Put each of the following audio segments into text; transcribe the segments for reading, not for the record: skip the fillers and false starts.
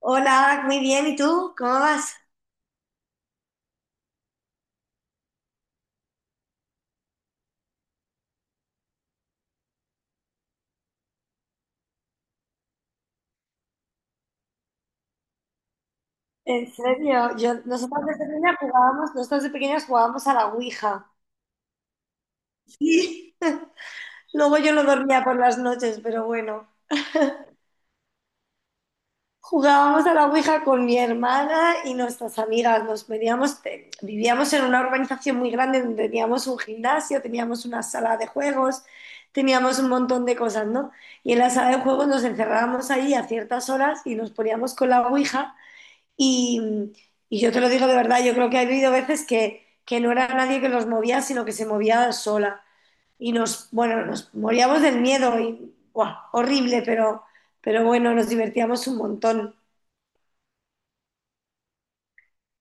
Hola, muy bien, ¿y tú? ¿Cómo vas? En serio, yo, nosotras de pequeñas jugábamos a la Ouija. Sí. Luego yo no dormía por las noches, pero bueno. Jugábamos a la Ouija con mi hermana y nuestras amigas. Nos veníamos, vivíamos en una urbanización muy grande donde teníamos un gimnasio, teníamos una sala de juegos, teníamos un montón de cosas, ¿no? Y en la sala de juegos nos encerrábamos ahí a ciertas horas y nos poníamos con la Ouija. Y, y yo te lo digo de verdad, yo creo que ha habido veces que, no era nadie que los movía, sino que se movía sola. Y bueno, nos moríamos del miedo y, guau, horrible, pero, bueno, nos divertíamos un montón.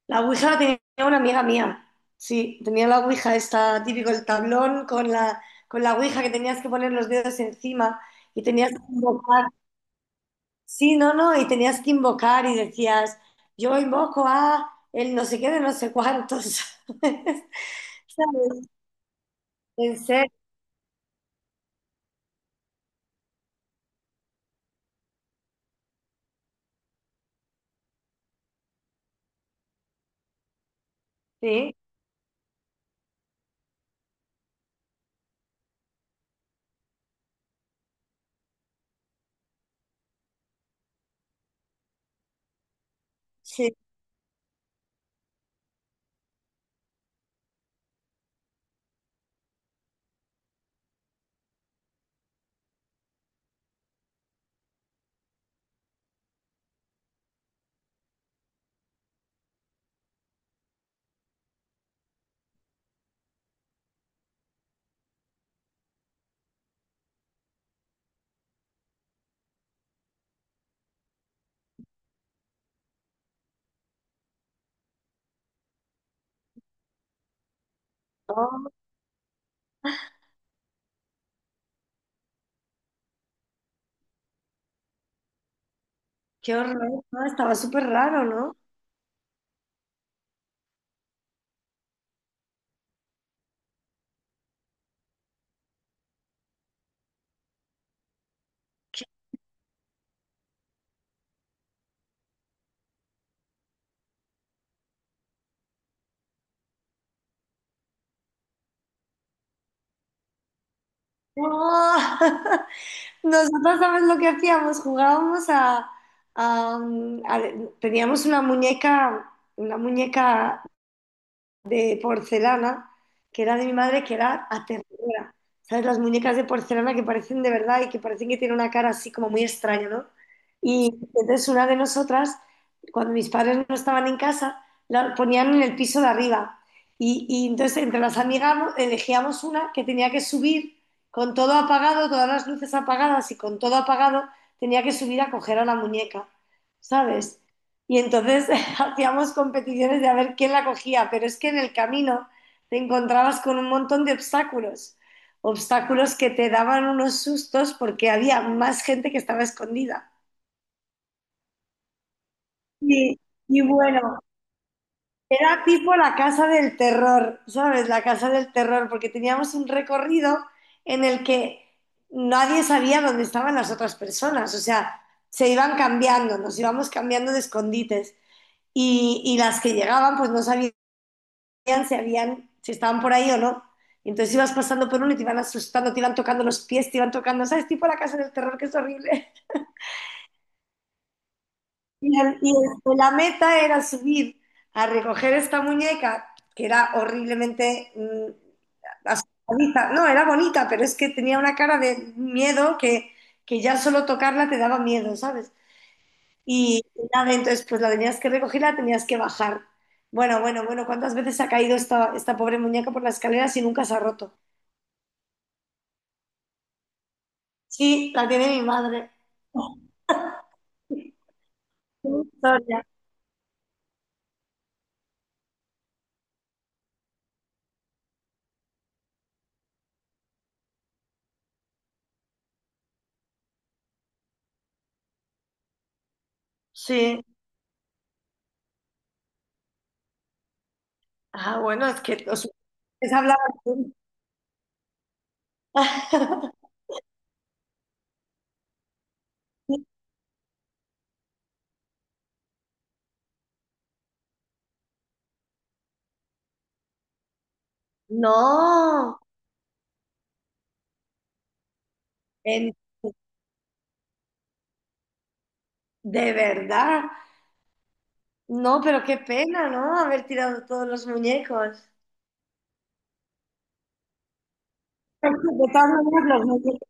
La Ouija la tenía una amiga mía, sí, tenía la Ouija esta, típico el tablón con la Ouija, que tenías que poner los dedos encima y tenías que invocar, sí, no, no, y tenías que invocar y decías, yo invoco a el no sé qué de no sé cuántos. En serio, sí, sí. Oh, qué horror, no, estaba súper raro, ¿no? Qué- ¡Oh! Nosotros, ¿sabes lo que hacíamos? Jugábamos a, mm, a- Teníamos una muñeca de porcelana, que era de mi madre, que era aterradora. ¿Sabes? Las muñecas de porcelana que parecen de verdad y que parecen que tienen una cara así como muy extraña, ¿no? Y entonces una de nosotras, cuando mis padres no estaban en casa, la ponían en el piso de arriba. Y entonces entre las amigas elegíamos una que tenía que subir con todo apagado, todas las luces apagadas y con todo apagado, tenía que subir a coger a la muñeca, ¿sabes? Y entonces hacíamos competiciones de a ver quién la cogía, pero es que en el camino te encontrabas con un montón de obstáculos, obstáculos que te daban unos sustos porque había más gente que estaba escondida. Y, y bueno, era tipo la casa del terror, ¿sabes? La casa del terror, porque teníamos un recorrido en el que nadie sabía dónde estaban las otras personas, o sea, se iban cambiando, nos íbamos cambiando de escondites y las que llegaban pues no sabían si habían, si estaban por ahí o no. Y entonces ibas pasando por uno y te iban asustando, te iban tocando los pies, te iban tocando, ¿sabes? Tipo la casa del terror, que es horrible. La meta era subir a recoger esta muñeca, que era horriblemente, mm, asustadiza. No, era bonita, pero es que tenía una cara de miedo que ya solo tocarla te daba miedo, ¿sabes? Y nada, entonces pues la tenías que recoger, la tenías que bajar. Bueno, bueno, bueno, ¿cuántas veces ha caído esta pobre muñeca por las escaleras y nunca se ha roto? Sí, la tiene mi madre. Qué historia. Sí. Ah, bueno, es que es hablar así. No, en- de verdad. No, pero qué pena, ¿no? Haber tirado todos los muñecos. De todas maneras, los muñecos,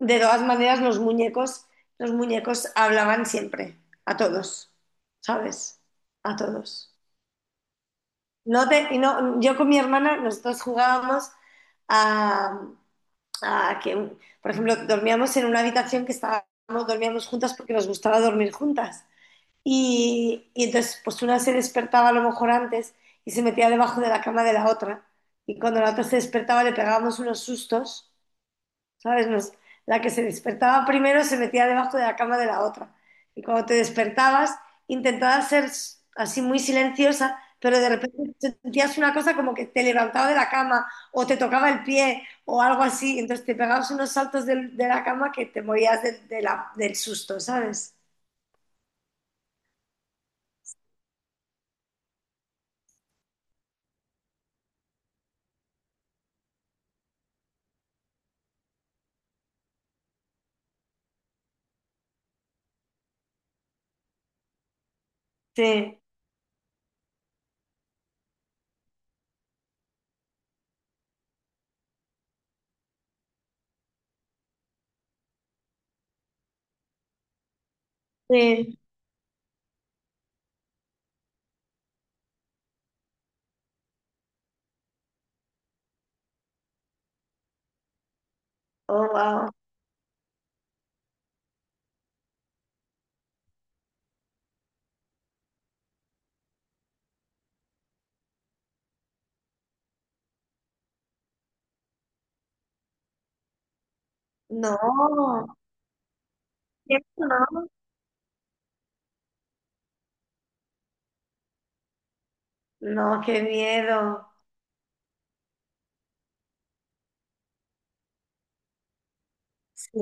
de todas maneras, los muñecos hablaban siempre, a todos, ¿sabes? A todos. No te, y no, yo con mi hermana, nosotros jugábamos a, por ejemplo, dormíamos en una habitación dormíamos juntas porque nos gustaba dormir juntas. Y entonces, pues una se despertaba a lo mejor antes y se metía debajo de la cama de la otra. Y cuando la otra se despertaba le pegábamos unos sustos, ¿sabes? La que se despertaba primero se metía debajo de la cama de la otra. Y cuando te despertabas, intentabas ser, así, muy silenciosa, pero de repente sentías una cosa como que te levantaba de la cama o te tocaba el pie o algo así. Entonces te pegabas unos saltos la cama, que te morías del susto, ¿sabes? Sí, sí. Oh, wow. No, ¿qué no? No, qué miedo. Sí.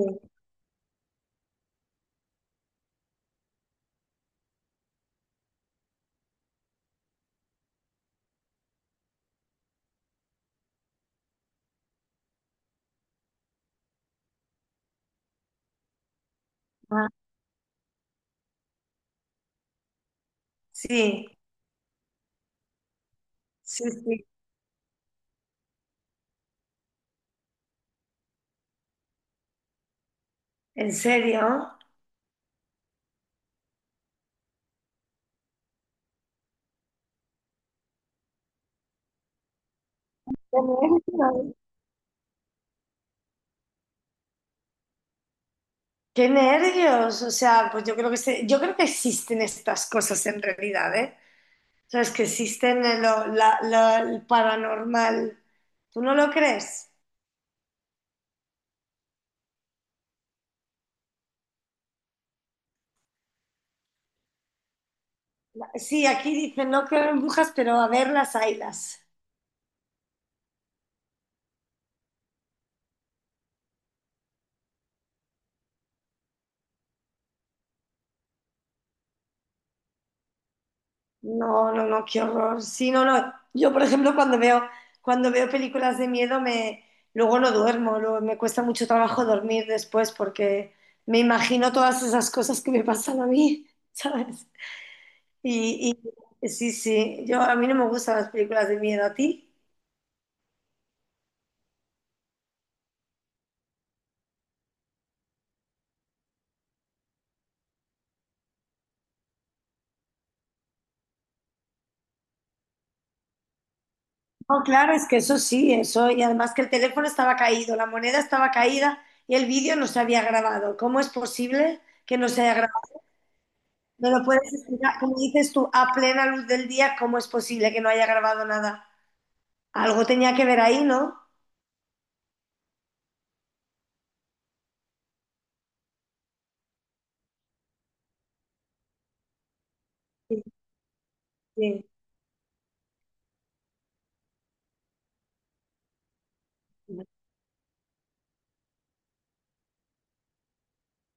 Ah, sí, sí, sí. ¿En serio? Qué nervios. Qué nervios. O sea, pues yo creo que existen estas cosas en realidad, ¿eh? Sabes que existen, el paranormal. ¿Tú no lo crees? Sí, aquí dicen no creo en brujas, pero a ver, las haylas. No, no, no, qué horror. Sí, no, no. Yo, por ejemplo, cuando veo películas de miedo, luego no duermo, luego me cuesta mucho trabajo dormir después porque me imagino todas esas cosas que me pasan a mí, ¿sabes? Y, y sí, sí, yo, a mí no me gustan las películas de miedo, ¿a ti? No, claro, es que eso sí. Y además, que el teléfono estaba caído, la moneda estaba caída y el vídeo no se había grabado. ¿Cómo es posible que no se haya grabado? ¿Me lo puedes explicar? Como dices tú, a plena luz del día, ¿cómo es posible que no haya grabado nada? Algo tenía que ver ahí, ¿no? Sí, sí.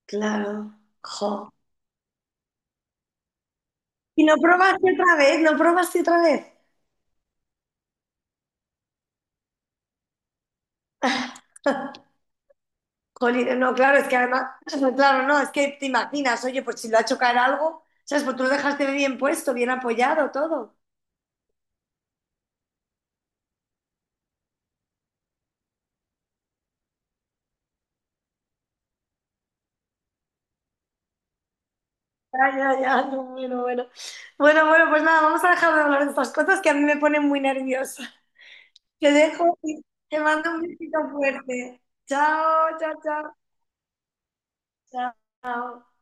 Claro. Jo. ¿Y no probaste otra vez? ¿No probaste otra vez? Jolín, no, claro, es que además, claro, no, es que te imaginas, oye, pues si lo ha hecho caer algo, ¿sabes? Pues tú lo dejaste bien puesto, bien apoyado, todo. Ya, ya, ya, no, bueno, bueno. Bueno, bueno, pues nada, vamos a dejar de hablar de estas cosas que a mí me ponen muy nerviosa. Te dejo y te mando un besito fuerte. Chao, chao, chao. Chao.